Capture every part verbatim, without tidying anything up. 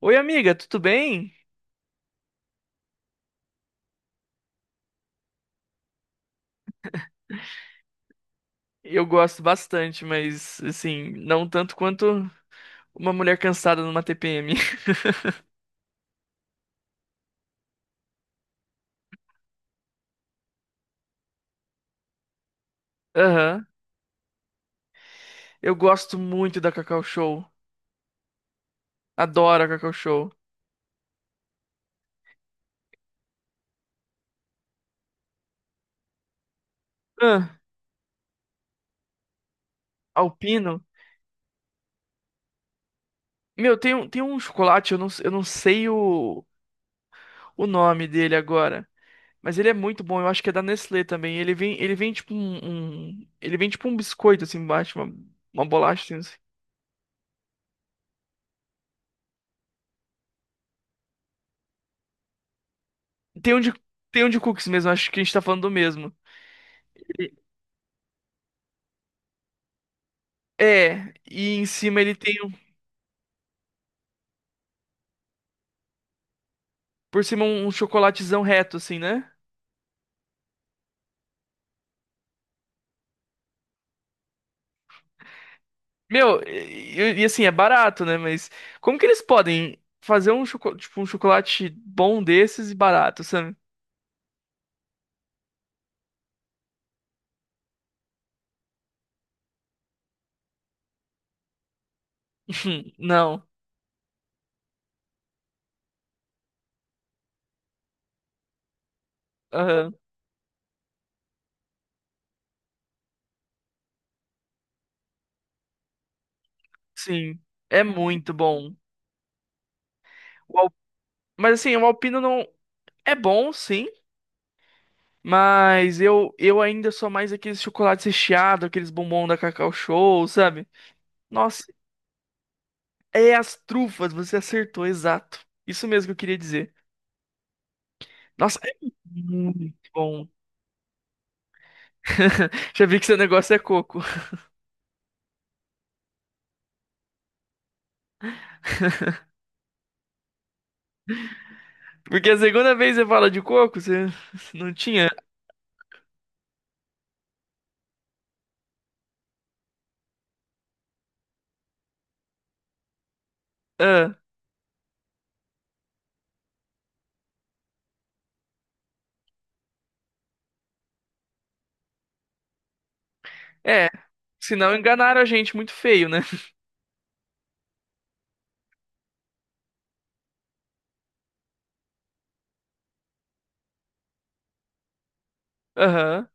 Oi, amiga, tudo bem? Eu gosto bastante, mas assim, não tanto quanto uma mulher cansada numa T P M. Aham. Eu gosto muito da Cacau Show. Adoro a Cacau Show. Ah, Alpino. Meu, tem, um- tem um chocolate, eu não, eu não sei o, o nome dele agora. Mas ele é muito bom, eu acho que é da Nestlé também. Ele vem, ele vem tipo um, um- ele vem tipo um biscoito assim embaixo, uma, uma bolacha assim. Tem um de, tem um de cookies mesmo, acho que a gente tá falando do mesmo. É, e em cima ele tem um- por cima um um chocolatezão reto, assim, né? Meu, e, e- e assim, é barato, né? Mas como que eles podem fazer um, choco- tipo, um chocolate bom desses e barato, sabe? Não. Aham. Sim. É muito bom. O al- Mas assim, o Alpino não. É bom, sim. Mas eu, eu ainda sou mais aqueles chocolates recheados, aqueles bombom da Cacau Show, sabe? Nossa, é as trufas, você acertou, exato. Isso mesmo que eu queria dizer. Nossa, é muito bom. Já vi que seu negócio é coco. Porque a segunda vez você fala de coco, você não tinha. Ah, é. Senão enganaram a gente muito feio, né? Aham.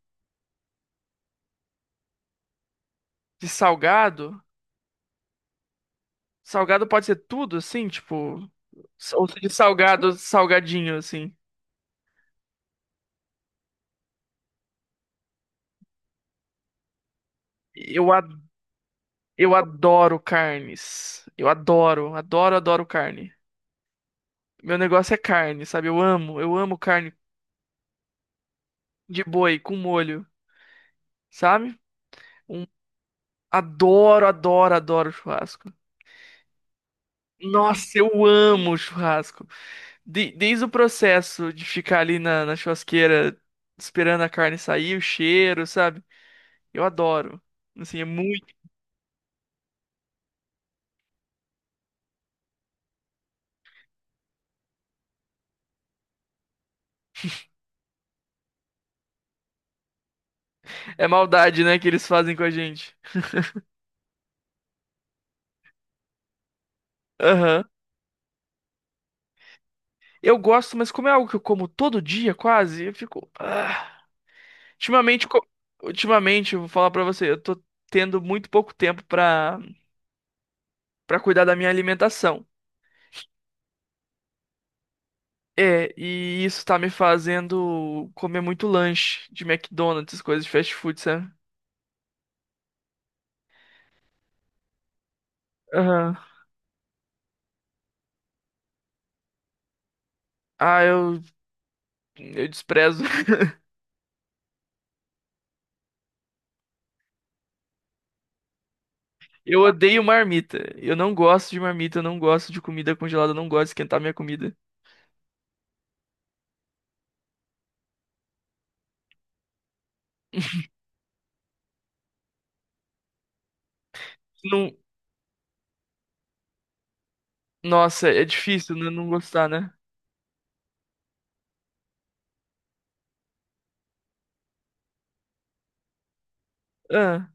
De salgado? Salgado pode ser tudo, assim, tipo. Ou de salgado, salgadinho, assim. Eu, a- eu adoro carnes. Eu adoro, adoro, adoro carne. Meu negócio é carne, sabe? Eu amo, eu amo carne de boi com molho, sabe? Um adoro, adoro, adoro churrasco. Nossa, eu amo churrasco. De- desde o processo de ficar ali na, na churrasqueira esperando a carne sair, o cheiro, sabe? Eu adoro. Assim, é muito. É maldade, né, que eles fazem com a gente. Aham. Eu gosto, mas como é algo que eu como todo dia, quase, eu fico. Ah. Ultimamente, co- ultimamente, eu vou falar pra você, eu tô tendo muito pouco tempo pra, pra cuidar da minha alimentação. É, e isso tá me fazendo comer muito lanche de McDonald's, coisas de fast food, sabe? Aham. Ah, eu, eu desprezo. Eu odeio marmita. Eu não gosto de marmita, eu não gosto de comida congelada, eu não gosto de esquentar minha comida. Não, nossa, é difícil né, não gostar, né? Ah,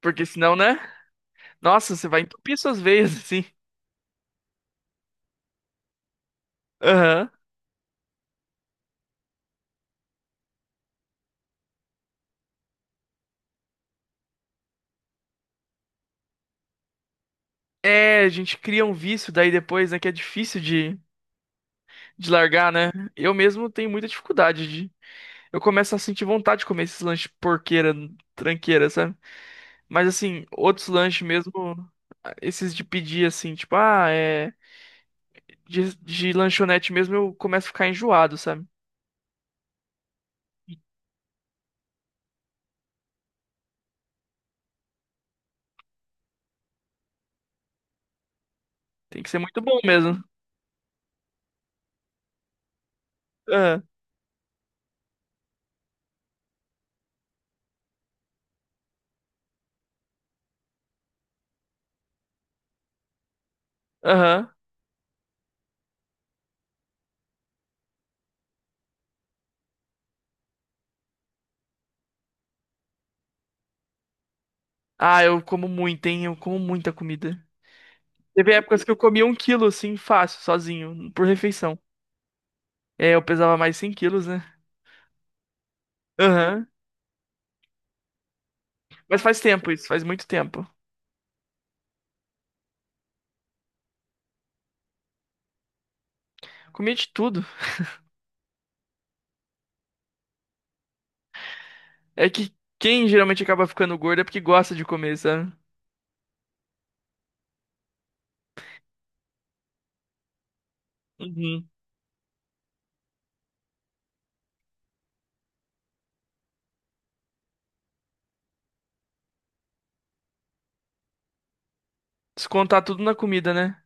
porque senão, né? Nossa, você vai entupir suas veias, assim. Aham. É, a gente cria um vício daí depois, né? Que é difícil de, de largar, né? Eu mesmo tenho muita dificuldade. Eu começo a sentir vontade de comer esses lanches porqueira, tranqueira, sabe? Mas assim, outros lanches mesmo, ah, esses de pedir assim, tipo, ah, é. De, de lanchonete mesmo, eu começo a ficar enjoado, sabe? Tem que ser muito bom mesmo. Ah. Aham. Ah, eu como muito, hein? Eu como muita comida. Teve épocas que eu comia um quilo, assim, fácil, sozinho, por refeição. É, eu pesava mais cem quilos, né? Aham. Mas faz tempo isso, faz muito tempo. Comia de tudo. É que quem geralmente acaba ficando gordo é porque gosta de comer, sabe? Uhum. Descontar tudo na comida, né?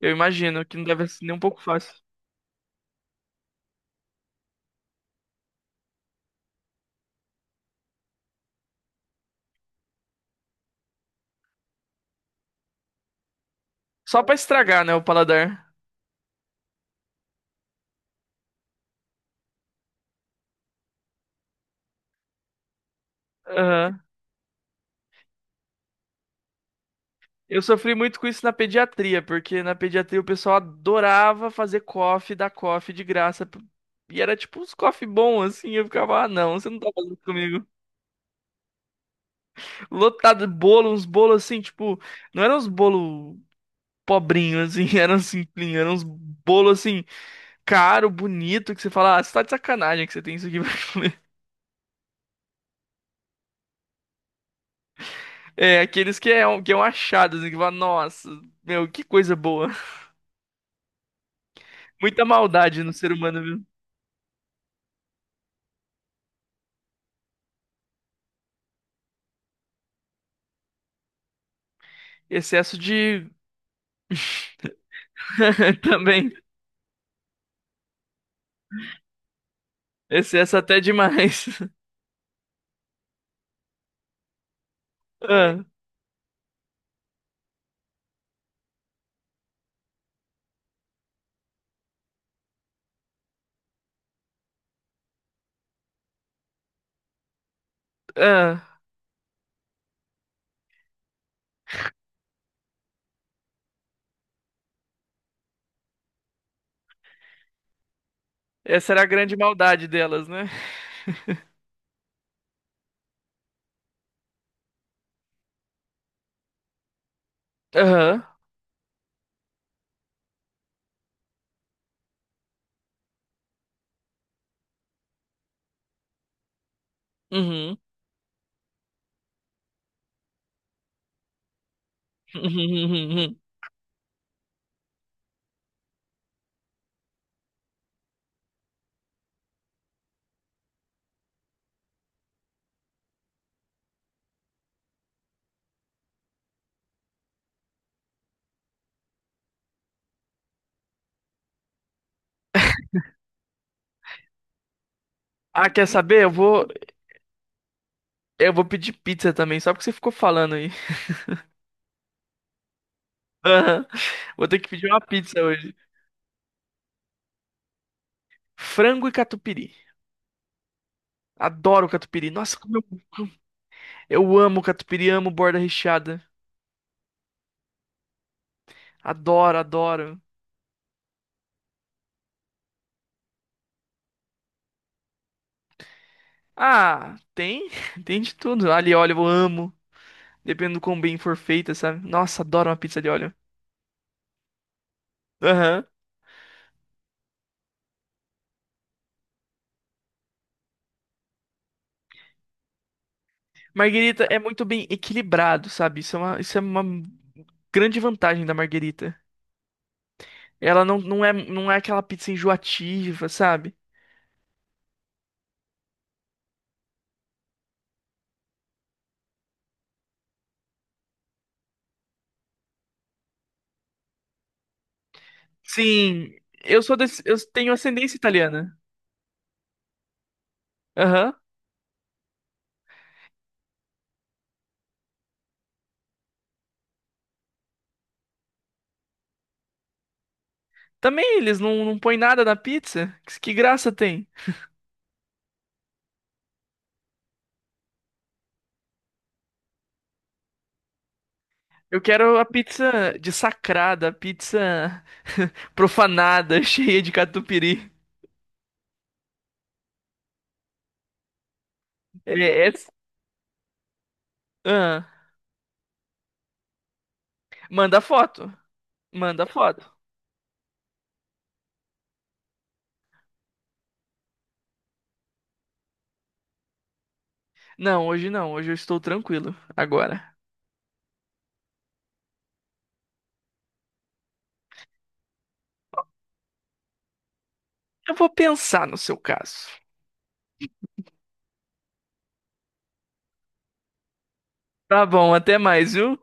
Eu imagino que não deve ser nem um pouco fácil. Só pra estragar, né, o paladar. Aham. Eu sofri muito com isso na pediatria, porque na pediatria o pessoal adorava fazer coffee, dar coffee de graça. E era tipo uns coffee bons, assim. Eu ficava, ah, não, você não tá fazendo isso comigo. Lotado de bolo, uns bolos assim, tipo, não eram uns bolos pobrinhos, assim, eram simplinhos, eram uns bolos assim, caro, bonito, que você fala, ah, você tá de sacanagem que você tem isso aqui pra comer. É, aqueles que é, um- que é um achado, assim, que fala, nossa, meu, que coisa boa. Muita maldade no ser humano, viu? Excesso de. Também. Excesso até demais. Ah, ah. Essa era a grande maldade delas, né? Aham. Uhum. Ah, quer saber? Eu vou, eu vou pedir pizza também, só porque você ficou falando aí. Aham. Vou ter que pedir uma pizza hoje. Frango e catupiry. Adoro catupiry. Nossa, como eu, eu amo catupiry, amo borda recheada. Adoro, adoro. Ah, tem, tem de tudo. Alho e óleo eu amo, dependendo do quão bem for feita, sabe? Nossa, adoro uma pizza de óleo. Aham. Marguerita é muito bem equilibrado, sabe? Isso é uma, isso é uma grande vantagem da Marguerita. Ela não, não é, não é aquela pizza enjoativa, sabe? Sim, eu sou desse, eu tenho ascendência italiana. Aham. Também eles não, não põem nada na pizza. Que, que graça tem? Eu quero a pizza dessacrada, a pizza profanada, cheia de catupiry. É, é... Ah, manda foto. Manda foto. Não, hoje não. Hoje eu estou tranquilo. Agora. Eu vou pensar no seu caso. Tá bom, até mais, viu?